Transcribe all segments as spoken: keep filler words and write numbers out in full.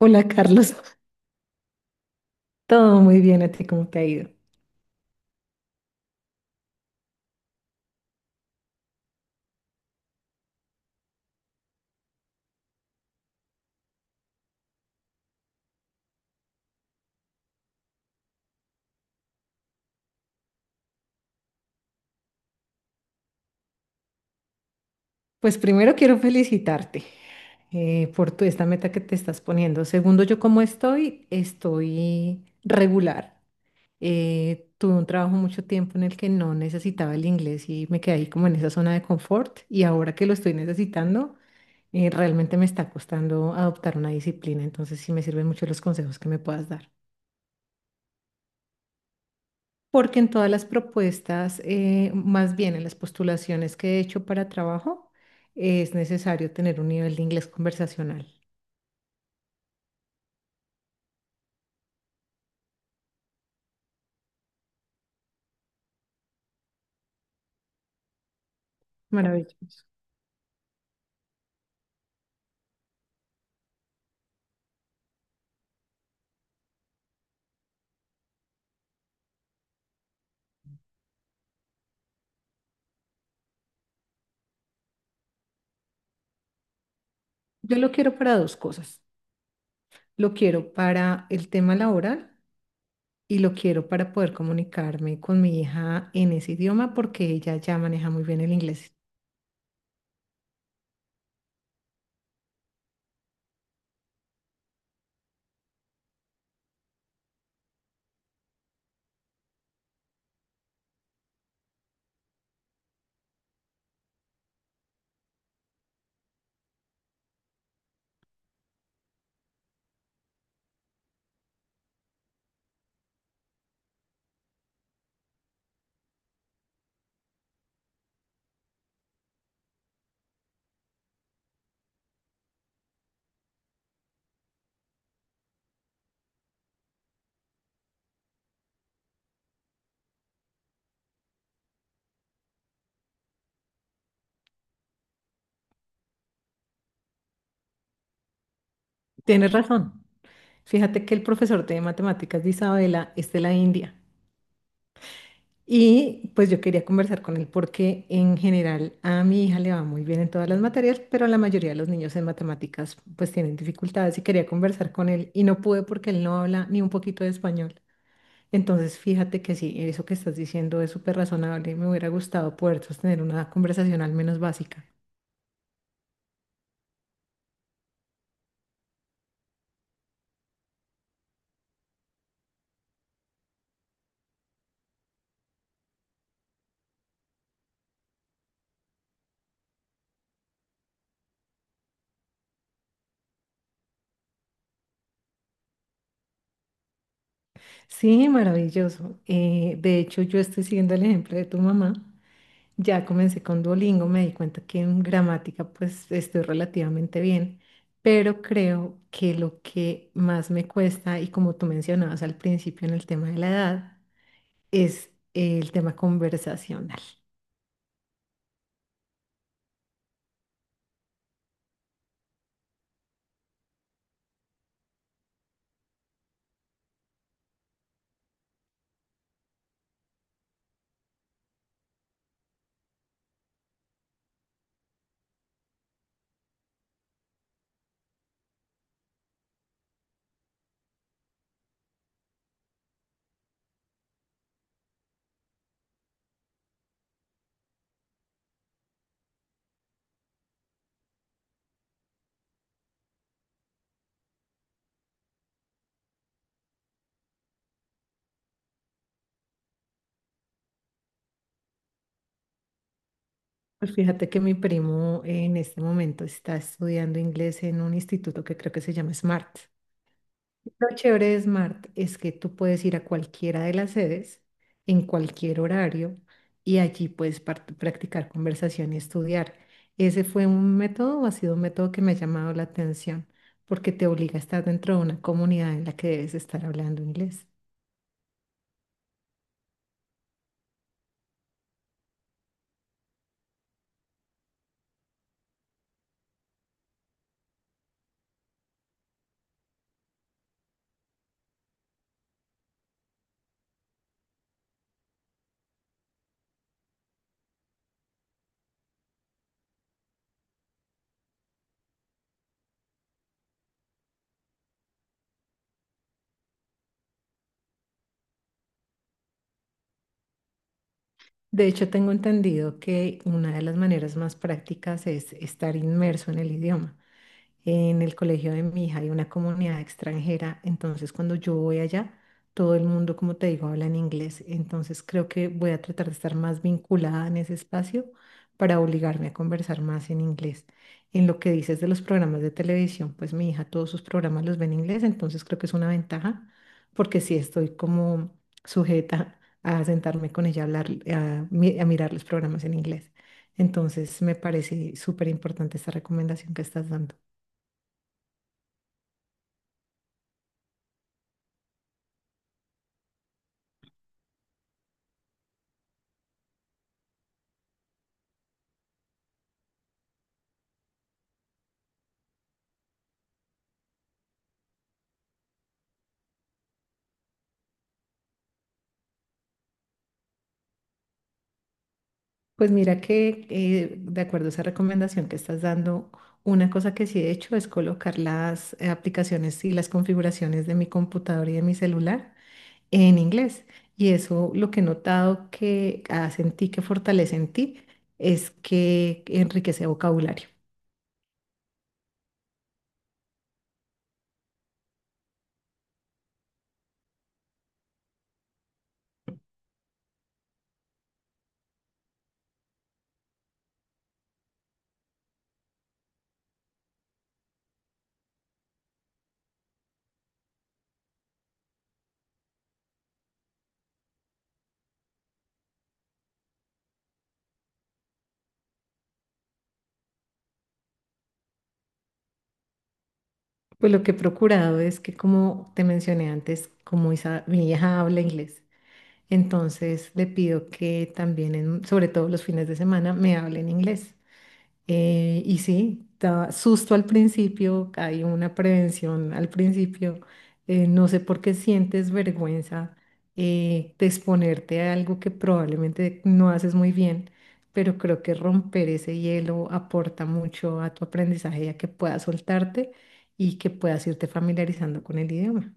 Hola Carlos, todo muy bien, ¿a ti cómo te ha ido? Pues primero quiero felicitarte eh, por tu, esta meta que te estás poniendo. Segundo, yo cómo estoy, estoy regular. Eh, tuve un trabajo mucho tiempo en el que no necesitaba el inglés y me quedé ahí como en esa zona de confort y ahora que lo estoy necesitando, eh, realmente me está costando adoptar una disciplina, entonces sí me sirven mucho los consejos que me puedas dar. Porque en todas las propuestas, eh, más bien en las postulaciones que he hecho para trabajo, es necesario tener un nivel de inglés conversacional. Maravilloso. Yo lo quiero para dos cosas. Lo quiero para el tema laboral y lo quiero para poder comunicarme con mi hija en ese idioma porque ella ya maneja muy bien el inglés. Tienes razón. Fíjate que el profesor de matemáticas de Isabela es de la India. Y pues yo quería conversar con él porque en general a mi hija le va muy bien en todas las materias, pero la mayoría de los niños en matemáticas pues tienen dificultades y quería conversar con él y no pude porque él no habla ni un poquito de español. Entonces fíjate que sí, eso que estás diciendo es súper razonable y me hubiera gustado poder sostener una conversación al menos básica. Sí, maravilloso. Eh, de hecho yo estoy siguiendo el ejemplo de tu mamá. Ya comencé con Duolingo, me di cuenta que en gramática pues estoy relativamente bien, pero creo que lo que más me cuesta, y como tú mencionabas al principio en el tema de la edad, es el tema conversacional. Pues fíjate que mi primo en este momento está estudiando inglés en un instituto que creo que se llama SMART. Lo chévere de Smart es que tú puedes ir a cualquiera de las sedes en cualquier horario y allí puedes par- practicar conversación y estudiar. ¿Ese fue un método o ha sido un método que me ha llamado la atención? Porque te obliga a estar dentro de una comunidad en la que debes estar hablando inglés. De hecho, tengo entendido que una de las maneras más prácticas es estar inmerso en el idioma. En el colegio de mi hija hay una comunidad extranjera, entonces cuando yo voy allá, todo el mundo, como te digo, habla en inglés. Entonces creo que voy a tratar de estar más vinculada en ese espacio para obligarme a conversar más en inglés. En lo que dices de los programas de televisión, pues mi hija todos sus programas los ve en inglés, entonces creo que es una ventaja porque sí estoy como sujeta a sentarme con ella a hablar, a, mi- a mirar los programas en inglés. Entonces me parece súper importante esta recomendación que estás dando. Pues mira que eh, de acuerdo a esa recomendación que estás dando, una cosa que sí he hecho es colocar las eh, aplicaciones y las configuraciones de mi computador y de mi celular en inglés. Y eso lo que he notado que hace en ti, que fortalece en ti, es que enriquece vocabulario. Pues lo que he procurado es que, como te mencioné antes, como Isa- mi hija habla inglés, entonces le pido que también, en- sobre todo los fines de semana, me hable en inglés. Eh, y sí, da susto al principio, hay una prevención al principio. Eh, no sé por qué sientes vergüenza eh, de exponerte a algo que probablemente no haces muy bien, pero creo que romper ese hielo aporta mucho a tu aprendizaje y a que puedas soltarte y que puedas irte familiarizando con el idioma.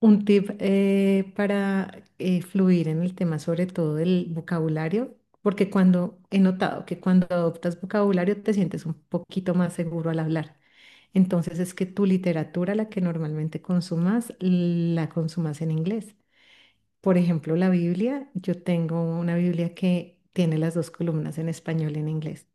Un tip eh, para eh, fluir en el tema, sobre todo del vocabulario, porque cuando he notado que cuando adoptas vocabulario te sientes un poquito más seguro al hablar. Entonces es que tu literatura, la que normalmente consumas, la consumas en inglés. Por ejemplo, la Biblia, yo tengo una Biblia que tiene las dos columnas en español y en inglés.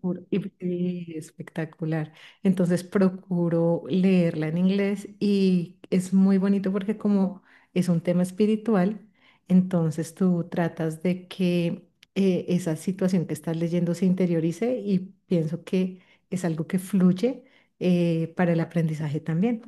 Por- y- y espectacular. Entonces procuro leerla en inglés y es muy bonito porque como es un tema espiritual, entonces tú tratas de que eh, esa situación que estás leyendo se interiorice y pienso que es algo que fluye eh, para el aprendizaje también.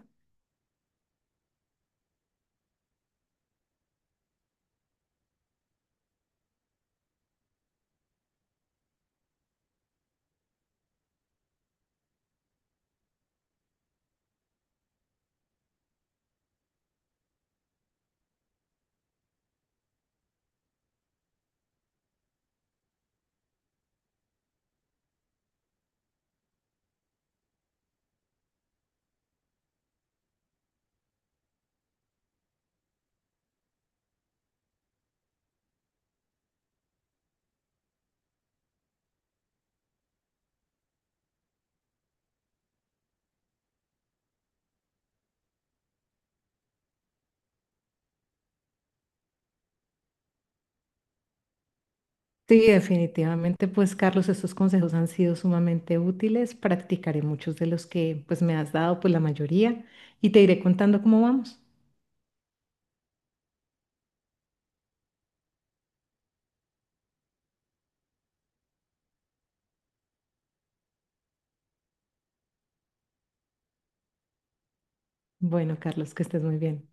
Sí, definitivamente, pues Carlos, estos consejos han sido sumamente útiles. Practicaré muchos de los que pues me has dado, pues la mayoría, y te iré contando cómo vamos. Bueno, Carlos, que estés muy bien.